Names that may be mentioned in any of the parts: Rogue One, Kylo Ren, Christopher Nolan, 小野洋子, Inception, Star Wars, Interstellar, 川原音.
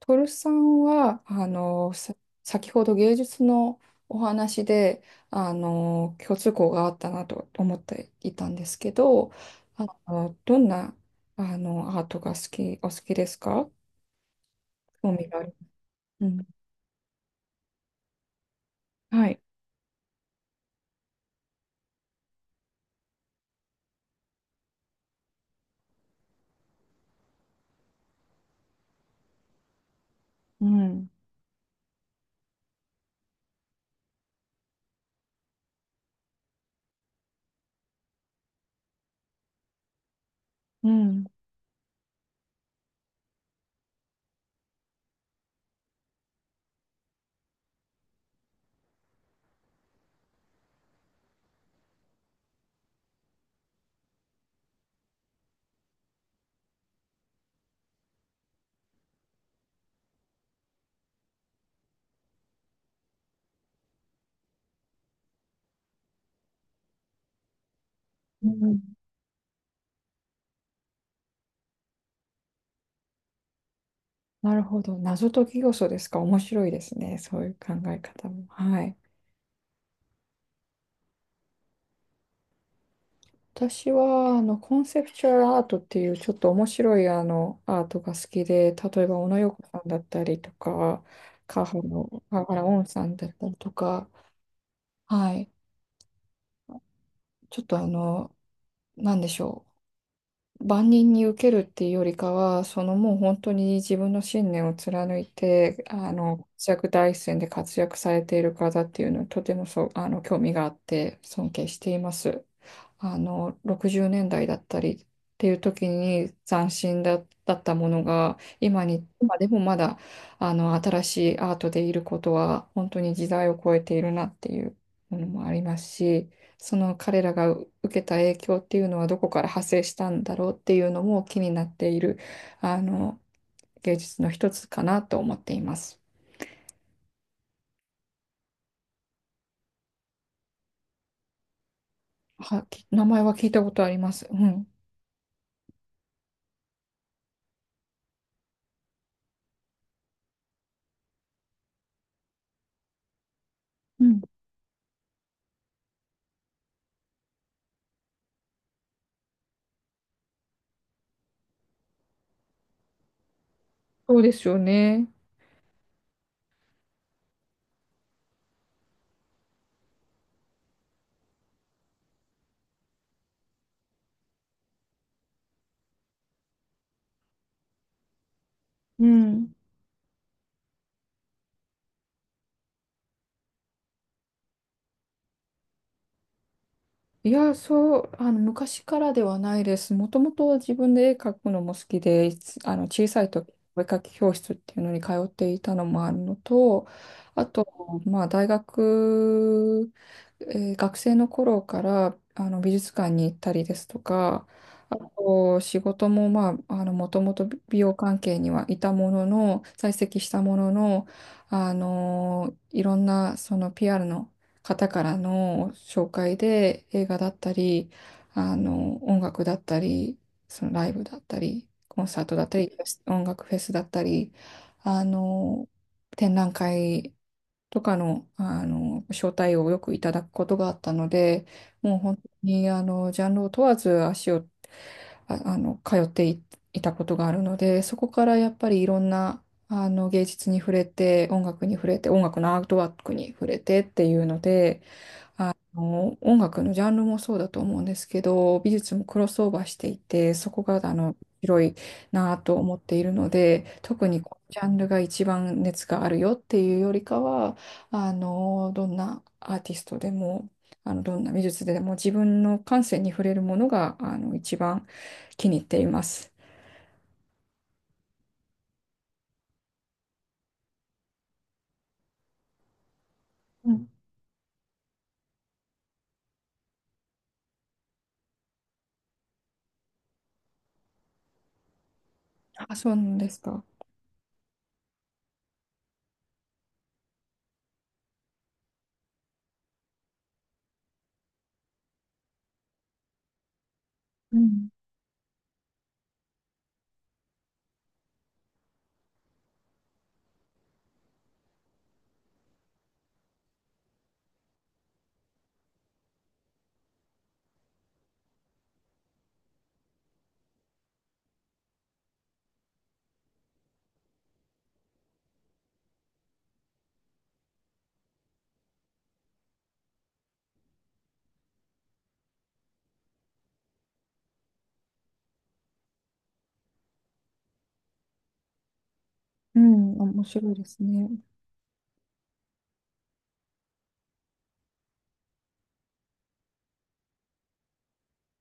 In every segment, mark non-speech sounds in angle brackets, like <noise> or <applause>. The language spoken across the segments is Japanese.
トルさんは、先ほど芸術のお話で、共通項があったなと思っていたんですけど、あどんな、アートがお好きですか？興味がある。うん。はい。うん。うん。うん。なるほど。謎解き要素ですか。面白いですね。そういう考え方も。はい。私は、コンセプチュアルアートっていう、ちょっと面白い、アートが好きで、例えば、小野洋子さんだったりとか、川原音さんだったりとか、はい。ちょっと、なんでしょう。万人に受けるっていうよりかは、そのもう本当に自分の信念を貫いて、活躍第一線で活躍されている方っていうのはとてもそう、興味があって尊敬しています。60年代だったりっていう時に斬新だったものが、今でもまだ、新しいアートでいることは、本当に時代を超えているなっていうものもありますし、その彼らが受けた影響っていうのはどこから派生したんだろうっていうのも気になっている、あの、芸術の一つかなと思っています。名前は聞いたことあります。うん。うんそうですよね。うん。いや、そう、昔からではないです。もともと自分で絵描くのも好きで、いつあの、小さい時、お絵描き教室っていうのに通っていたのもあるのと、あと、まあ、大学、えー学生の頃から、美術館に行ったりですとか、あと、仕事も、まあ、もともと美容関係にはいたものの、在籍したものの、いろんな、その PR の方からの紹介で映画だったり、音楽だったり、そのライブだったり、コンサートだったり、音楽フェスだったり、あの、展覧会とかの、招待をよくいただくことがあったので、もう本当にジャンルを問わず足を通っていたことがあるので、そこからやっぱりいろんな芸術に触れて、音楽に触れて、音楽のアートワークに触れてっていうので、音楽のジャンルもそうだと思うんですけど、美術もクロスオーバーしていて、そこが広いなと思っているので、特にこのジャンルが一番熱があるよっていうよりかは、どんなアーティストでも、どんな美術でも自分の感性に触れるものが一番気に入っています。うんあ、そうなんですか。うんうん、面白いですね。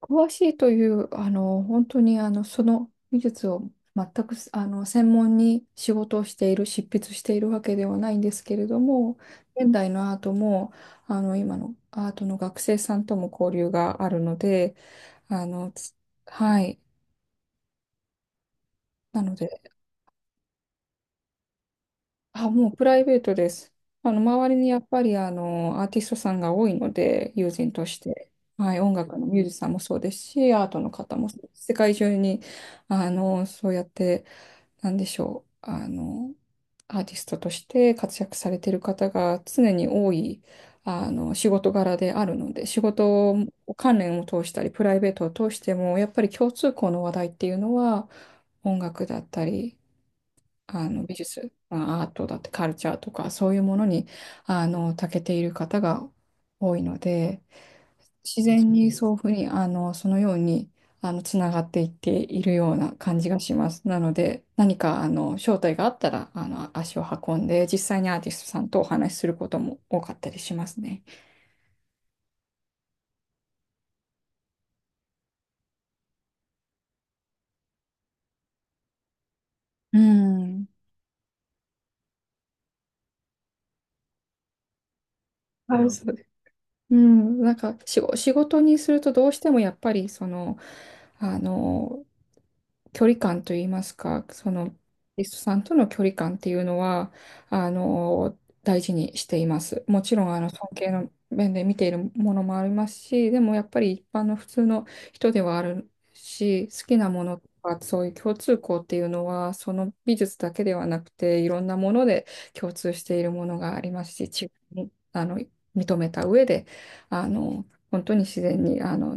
詳しいという、本当に、その技術を全く、専門に仕事をしている、執筆しているわけではないんですけれども、現代のアートも、今のアートの学生さんとも交流があるので、あの、つはい。なので、あ、もうプライベートです。周りにやっぱり、アーティストさんが多いので、友人として。はい、音楽のミュージシャンもそうですし、アートの方もそうです世界中に、そうやって、なんでしょう、アーティストとして活躍されている方が常に多い、仕事柄であるので、仕事関連を通したり、プライベートを通しても、やっぱり共通項の話題っていうのは、音楽だったり、美術、まあアートだって、カルチャーとか、そういうものに、長けている方が多いので、自然にそういうふうに、そのように、つながっていっているような感じがします。なので、何か、招待があったら、足を運んで、実際にアーティストさんとお話しすることも多かったりしますね。うん。はい。そううん、なんか仕事にするとどうしてもやっぱりその、あの、距離感といいますか、その、リストさんとの距離感っていうのは、あの、大事にしています。もちろん、尊敬の面で見ているものもありますし、でもやっぱり一般の普通の人ではあるし、好きなものとか、そういう共通項っていうのは、その美術だけではなくて、いろんなもので共通しているものがありますし、違いに、認めた上で、あの、本当に自然に、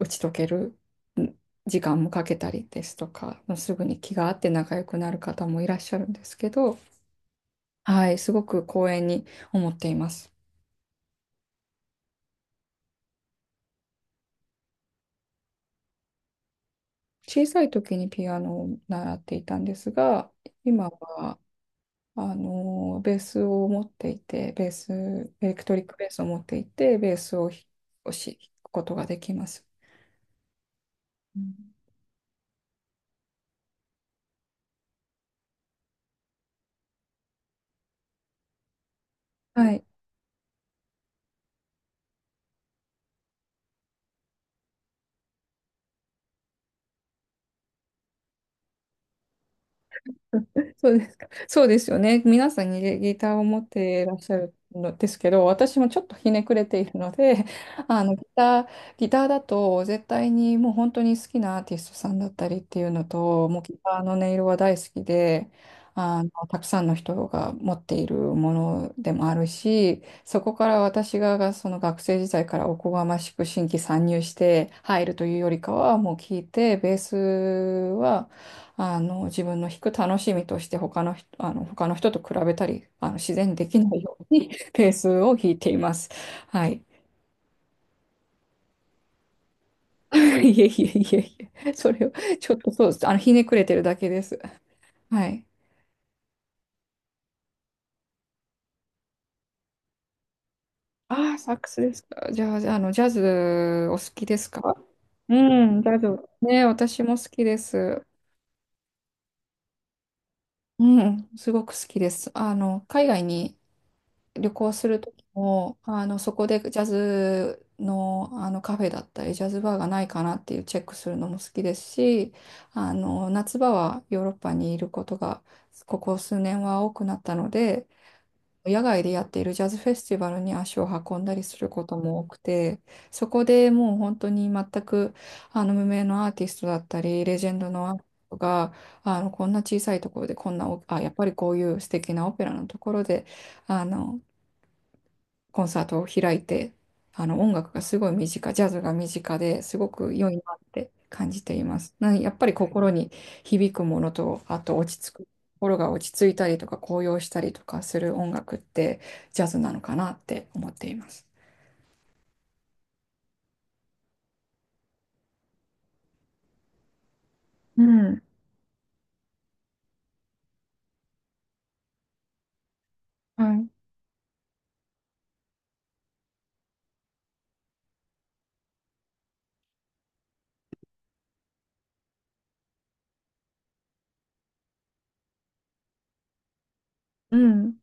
打ち解けるん時間もかけたりですとか、もうすぐに気が合って仲良くなる方もいらっしゃるんですけど、はい、すごく光栄に思っています。小さい時にピアノを習っていたんですが、今は、ベースを持っていて、ベース、エレクトリックベースを持っていて、ベースを弾くことができます。うんはい。そうですか。そうですよね。皆さんにギターを持っていらっしゃるのですけど、私もちょっとひねくれているので、<laughs> あのギター、ギターだと絶対にもう本当に好きなアーティストさんだったりっていうのと、もうギターの音色は大好きで、たくさんの人が持っているものでもあるし、そこから私がその学生時代からおこがましく新規参入して入るというよりかは、もう聞いて、ベースは、自分の弾く楽しみとして他の人と比べたり、自然にできないように <laughs> ペースを弾いています。はい。<laughs> いえいえいえいえ。それを、ちょっとそうです。ひねくれてるだけです。はい。ああ、サックスですか。じゃあ、ジャズお好きですか？うん、ジャズ。ね、私も好きです。うん、すごく好きです。海外に旅行する時も、そこでジャズの、カフェだったり、ジャズバーがないかなっていうチェックするのも好きですし、夏場はヨーロッパにいることが、ここ数年は多くなったので、野外でやっているジャズフェスティバルに足を運んだりすることも多くて、そこでもう本当に全く、無名のアーティストだったり、レジェンドのアーティストが、こんな小さいところで、こんなお、あ、やっぱりこういう素敵なオペラのところで、あの、コンサートを開いて、音楽がすごい身近、ジャズが身近ですごく良いなって感じています。やっぱり心に響くものと、あと落ち着く、心が落ち着いたりとか高揚したりとかする音楽ってジャズなのかなって思っています。うん、はい、うん、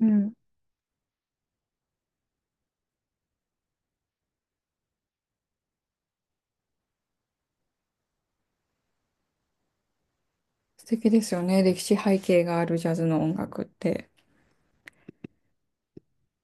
うん。素敵ですよね。歴史背景があるジャズの音楽って。